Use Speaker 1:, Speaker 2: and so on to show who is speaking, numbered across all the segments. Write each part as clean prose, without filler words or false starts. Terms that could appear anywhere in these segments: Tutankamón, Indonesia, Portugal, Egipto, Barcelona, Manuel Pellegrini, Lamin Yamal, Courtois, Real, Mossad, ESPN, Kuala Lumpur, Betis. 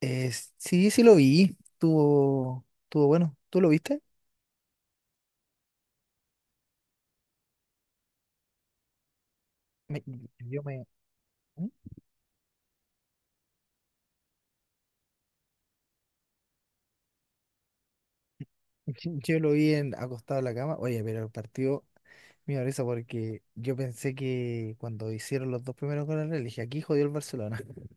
Speaker 1: Eh, sí, sí lo vi. Tuvo bueno. ¿Tú lo viste? Me- yo me, ¿Mm? Yo lo vi en, acostado en la cama. Oye, pero el partido me dio risa porque yo pensé que cuando hicieron los dos primeros goles, le dije, aquí jodió el Barcelona.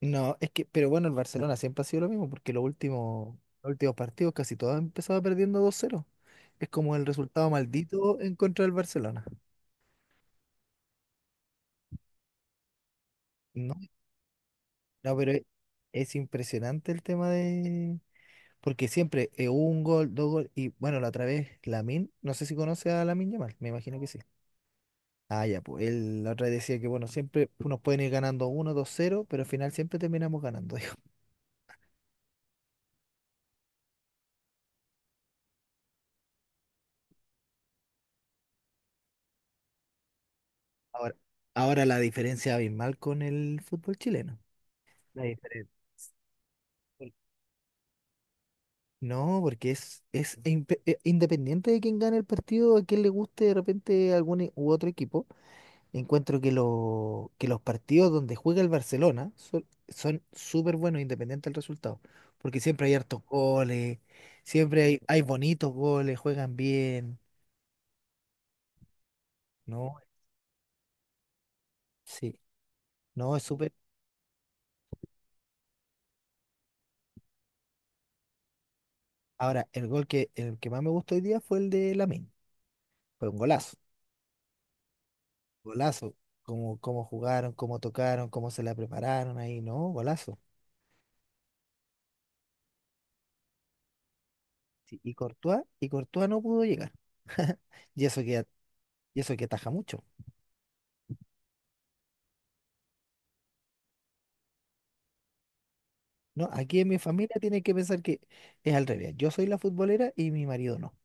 Speaker 1: No, es que, pero bueno, el Barcelona siempre ha sido lo mismo porque los últimos partidos casi todos empezaba perdiendo 2-0. Es como el resultado maldito en contra del Barcelona. No, no, pero es impresionante el tema de... Porque siempre un gol, dos goles. Y bueno, la otra vez, Lamin, no sé si conoce a Lamin Yamal, me imagino que sí. Ah, ya, pues él la otra vez decía que bueno, siempre nos pueden ir ganando uno dos cero, pero al final siempre terminamos ganando, dijo. Ahora, ahora la diferencia abismal con el fútbol chileno. La diferencia. No, porque es independiente de quién gane el partido, a quién le guste de repente algún u otro equipo, encuentro que, que los partidos donde juega el Barcelona son súper buenos, independiente del resultado. Porque siempre hay hartos goles, siempre hay bonitos goles, juegan bien. No, sí, no es súper. Ahora, el gol que, el que más me gustó hoy día fue el de Lamine. Fue un golazo, golazo. Como, cómo jugaron, cómo tocaron, cómo se la prepararon ahí, ¿no? Golazo. Sí, y Courtois no pudo llegar. Y eso que, y eso que ataja mucho. No, aquí en mi familia tienen que pensar que es al revés. Yo soy la futbolera y mi marido no.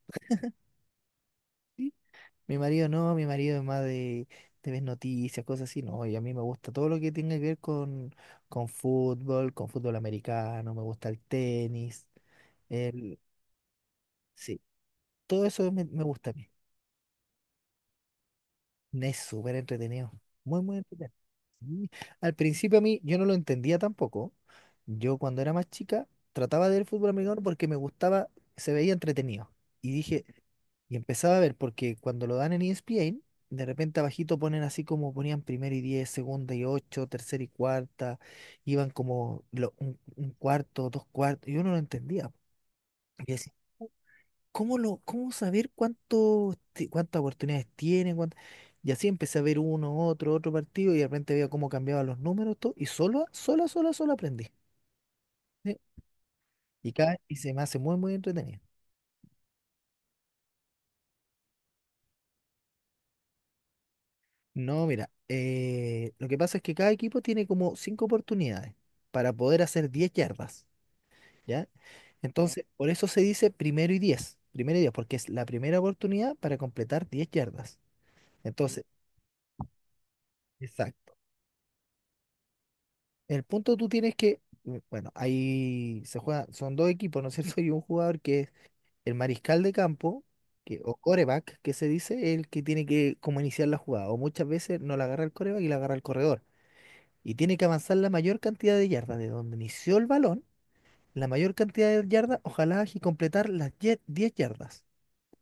Speaker 1: ¿Sí? Mi marido no, mi marido es más de ver noticias, cosas así. No, y a mí me gusta todo lo que tenga que ver con fútbol americano, me gusta el tenis, el... Sí, todo eso me gusta a mí. Es súper entretenido, muy, muy entretenido. Sí. Al principio a mí yo no lo entendía tampoco. Yo cuando era más chica trataba de ver fútbol americano porque me gustaba, se veía entretenido. Y dije, y empezaba a ver, porque cuando lo dan en ESPN, de repente abajito ponen así como ponían primero y diez, segunda y ocho, tercera y cuarta, iban como un cuarto, dos cuartos, yo no lo entendía. Y decía, "¿cómo lo, cómo saber cuánto, cuántas oportunidades tienen? ¿Cuánt-?" Y así empecé a ver uno, otro, otro partido, y de repente veía cómo cambiaban los números, todo, y solo, sola, sola, solo aprendí. ¿Sí? Y cada, y se me hace muy, muy entretenido. No, mira, lo que pasa es que cada equipo tiene como cinco oportunidades para poder hacer 10 yardas, ¿ya? Entonces, por eso se dice primero y 10, porque es la primera oportunidad para completar 10 yardas. Entonces, exacto. El punto tú tienes que, mm, bueno, ahí se juega, son dos equipos, ¿no es cierto? Y un jugador que es el mariscal de campo, que, o coreback, que se dice, el que tiene que como iniciar la jugada, o muchas veces no la agarra el coreback y la agarra el corredor, y tiene que avanzar la mayor cantidad de yardas de donde inició el balón, la mayor cantidad de yardas, ojalá y completar las 10 10 yardas.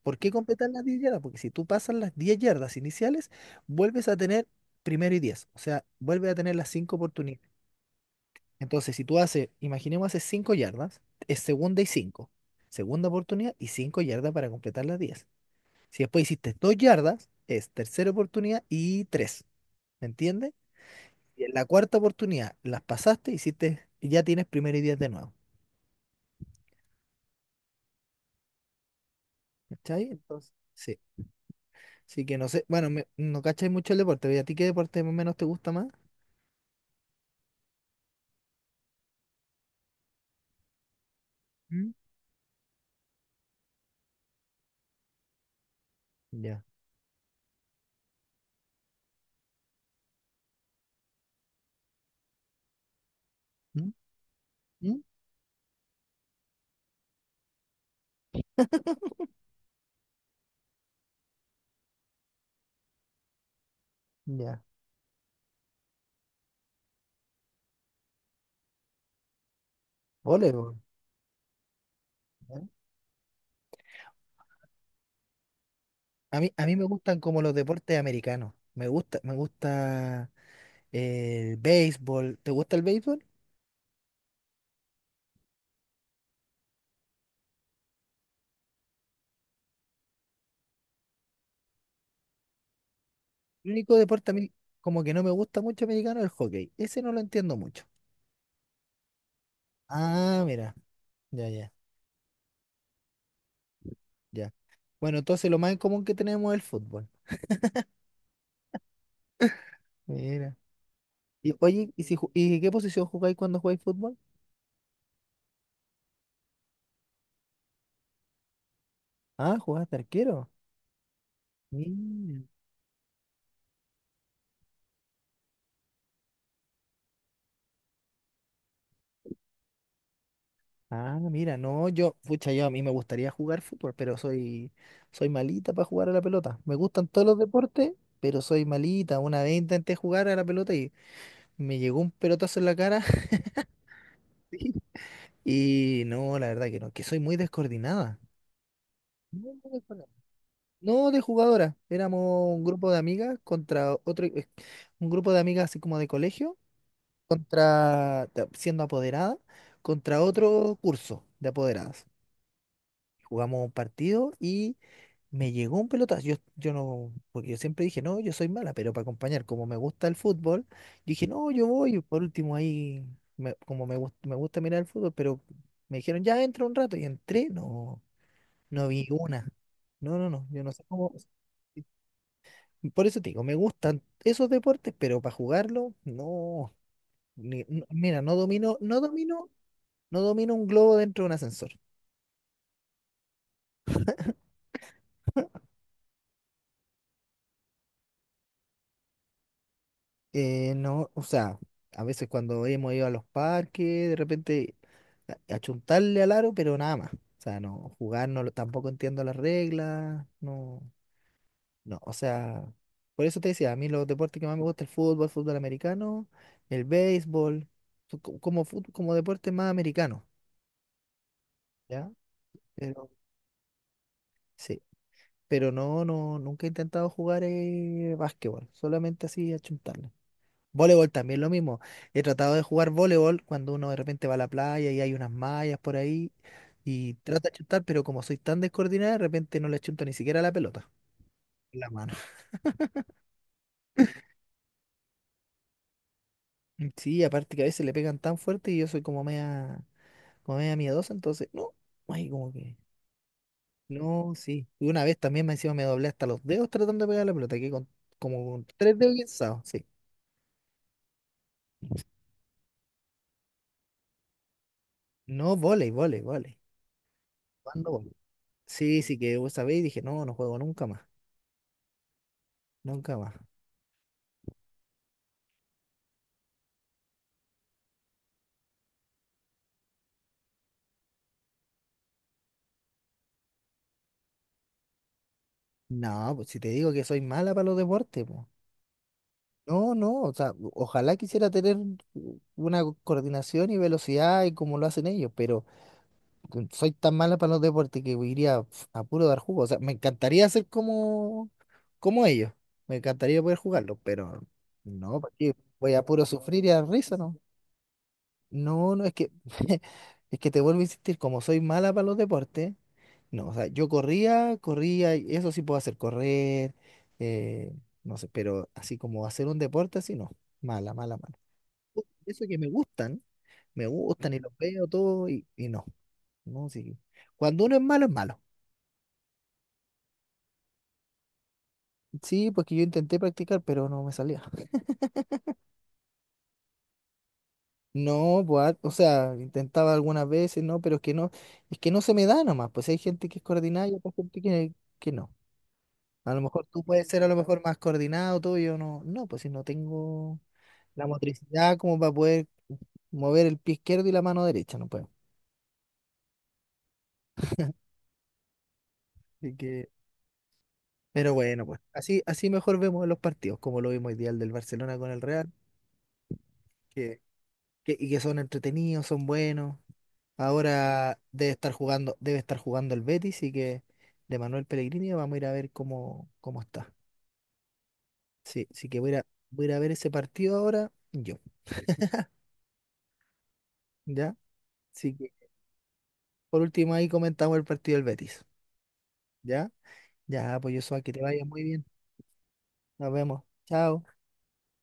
Speaker 1: ¿Por qué completar las 10 yardas? Porque si tú pasas las 10 yardas iniciales, vuelves a tener primero y diez, o sea, vuelves a tener las cinco oportunidades. Entonces, si tú haces, imaginemos, haces 5 yardas, es segunda y cinco, segunda oportunidad y 5 yardas para completar las diez. Si después hiciste 2 yardas, es tercera oportunidad y tres. ¿Me entiendes? Y en la cuarta oportunidad las pasaste, hiciste, y ya tienes primero y diez de nuevo. ¿Cachai? Entonces, sí. Así que no sé, bueno, no cachai mucho el deporte, pero ¿y a ti qué deporte más o menos te gusta más? ¿Mm? Ya. ¿Mm? ¿Mm? Ya. Voleibol. Ya. A mí me gustan como los deportes americanos. Me gusta el béisbol. ¿Te gusta el béisbol? El único deporte a mí como que no me gusta mucho americano es el hockey. Ese no lo entiendo mucho. Ah, mira, ya, ya, ya. Bueno, entonces lo más en común que tenemos es el fútbol. Mira. Y, oye, ¿y, si, y qué posición jugáis cuando jugáis fútbol? Ah, jugás arquero. Mira. Ah, mira, no, yo, pucha, yo a mí me gustaría jugar fútbol, pero soy, soy malita para jugar a la pelota. Me gustan todos los deportes, pero soy malita. Una vez intenté jugar a la pelota y me llegó un pelotazo en la cara. Sí. Y no, la verdad que no, que soy muy descoordinada. Muy, muy descoordinada. No de jugadora, éramos un grupo de amigas contra otro, un grupo de amigas así como de colegio contra, siendo apoderada, contra otro curso de apoderadas. Jugamos un partido y me llegó un pelotazo. Yo no, porque yo siempre dije, no, yo soy mala, pero para acompañar, como me gusta el fútbol, yo dije, no, yo voy. Por último, ahí, como me gusta mirar el fútbol, pero me dijeron, ya entra un rato y entré, no, no vi una. No, no, no, yo no sé cómo. Por eso te digo, me gustan esos deportes, pero para jugarlo, no. No, mira, no domino, no domino un globo dentro de un ascensor. No, o sea, a veces cuando hemos ido a los parques, de repente achuntarle al aro, pero nada más. O sea, no, jugar no, tampoco entiendo las reglas, no, no, o sea, por eso te decía, a mí los deportes que más me gusta el fútbol, fútbol americano, el béisbol, son como como deporte más americano, ¿ya? Pero sí, pero no, no, nunca he intentado jugar básquetbol, solamente así achuntarle. Voleibol también lo mismo. He tratado de jugar voleibol cuando uno de repente va a la playa y hay unas mallas por ahí y trata de chutar, pero como soy tan descoordinada, de repente no le chuto ni siquiera la pelota en la mano. Mm, sí, aparte que a veces le pegan tan fuerte y yo soy como media miedosa, entonces, no, ay, como que, no, sí. Y una vez también me encima me doblé hasta los dedos tratando de pegar la pelota, que con, como con tres dedos guinzados, sí. No, volei, volei, volei. ¿Cuándo volei? Sí, sí, que vos sabéis, dije, no, no juego nunca más, nunca más. No, pues si te digo que soy mala para los deportes, pues. No, no, o sea, ojalá quisiera tener una coordinación y velocidad y como lo hacen ellos, pero soy tan mala para los deportes que iría pf, a puro dar jugo. O sea, me encantaría ser como, como ellos, me encantaría poder jugarlo, pero no, porque voy a puro sufrir y a dar risa, ¿no? No, no, es que, es que te vuelvo a insistir, como soy mala para los deportes, no, o sea, yo corría, corría, y eso sí puedo hacer, correr, eh, no sé, pero así como hacer un deporte así, no, mala, mala, mala. Eso que me gustan y los veo todo y, no, no, sí. Cuando uno es malo, es malo. Sí, porque yo intenté practicar, pero no me salía. No, pues, o sea, intentaba algunas veces, no, pero es que no se me da nomás, pues hay gente que es coordinada y otra gente que no. A lo mejor tú puedes ser a lo mejor más coordinado, todo, yo no, no, pues si no tengo... La motricidad como para poder mover el pie izquierdo y la mano derecha, no puedo. Así que, pero bueno, pues así, así mejor vemos los partidos, como lo vimos ideal del Barcelona con el Real, que, y que son entretenidos, son buenos. Ahora debe estar jugando el Betis, y que de Manuel Pellegrini vamos a ir a ver cómo, cómo está. Sí, sí que voy a ir a ver ese partido ahora yo, ¿ya? Así que por último ahí comentamos el partido del Betis, ¿ya? Ya, pues yo soy que te vaya muy bien. Nos vemos. Chao.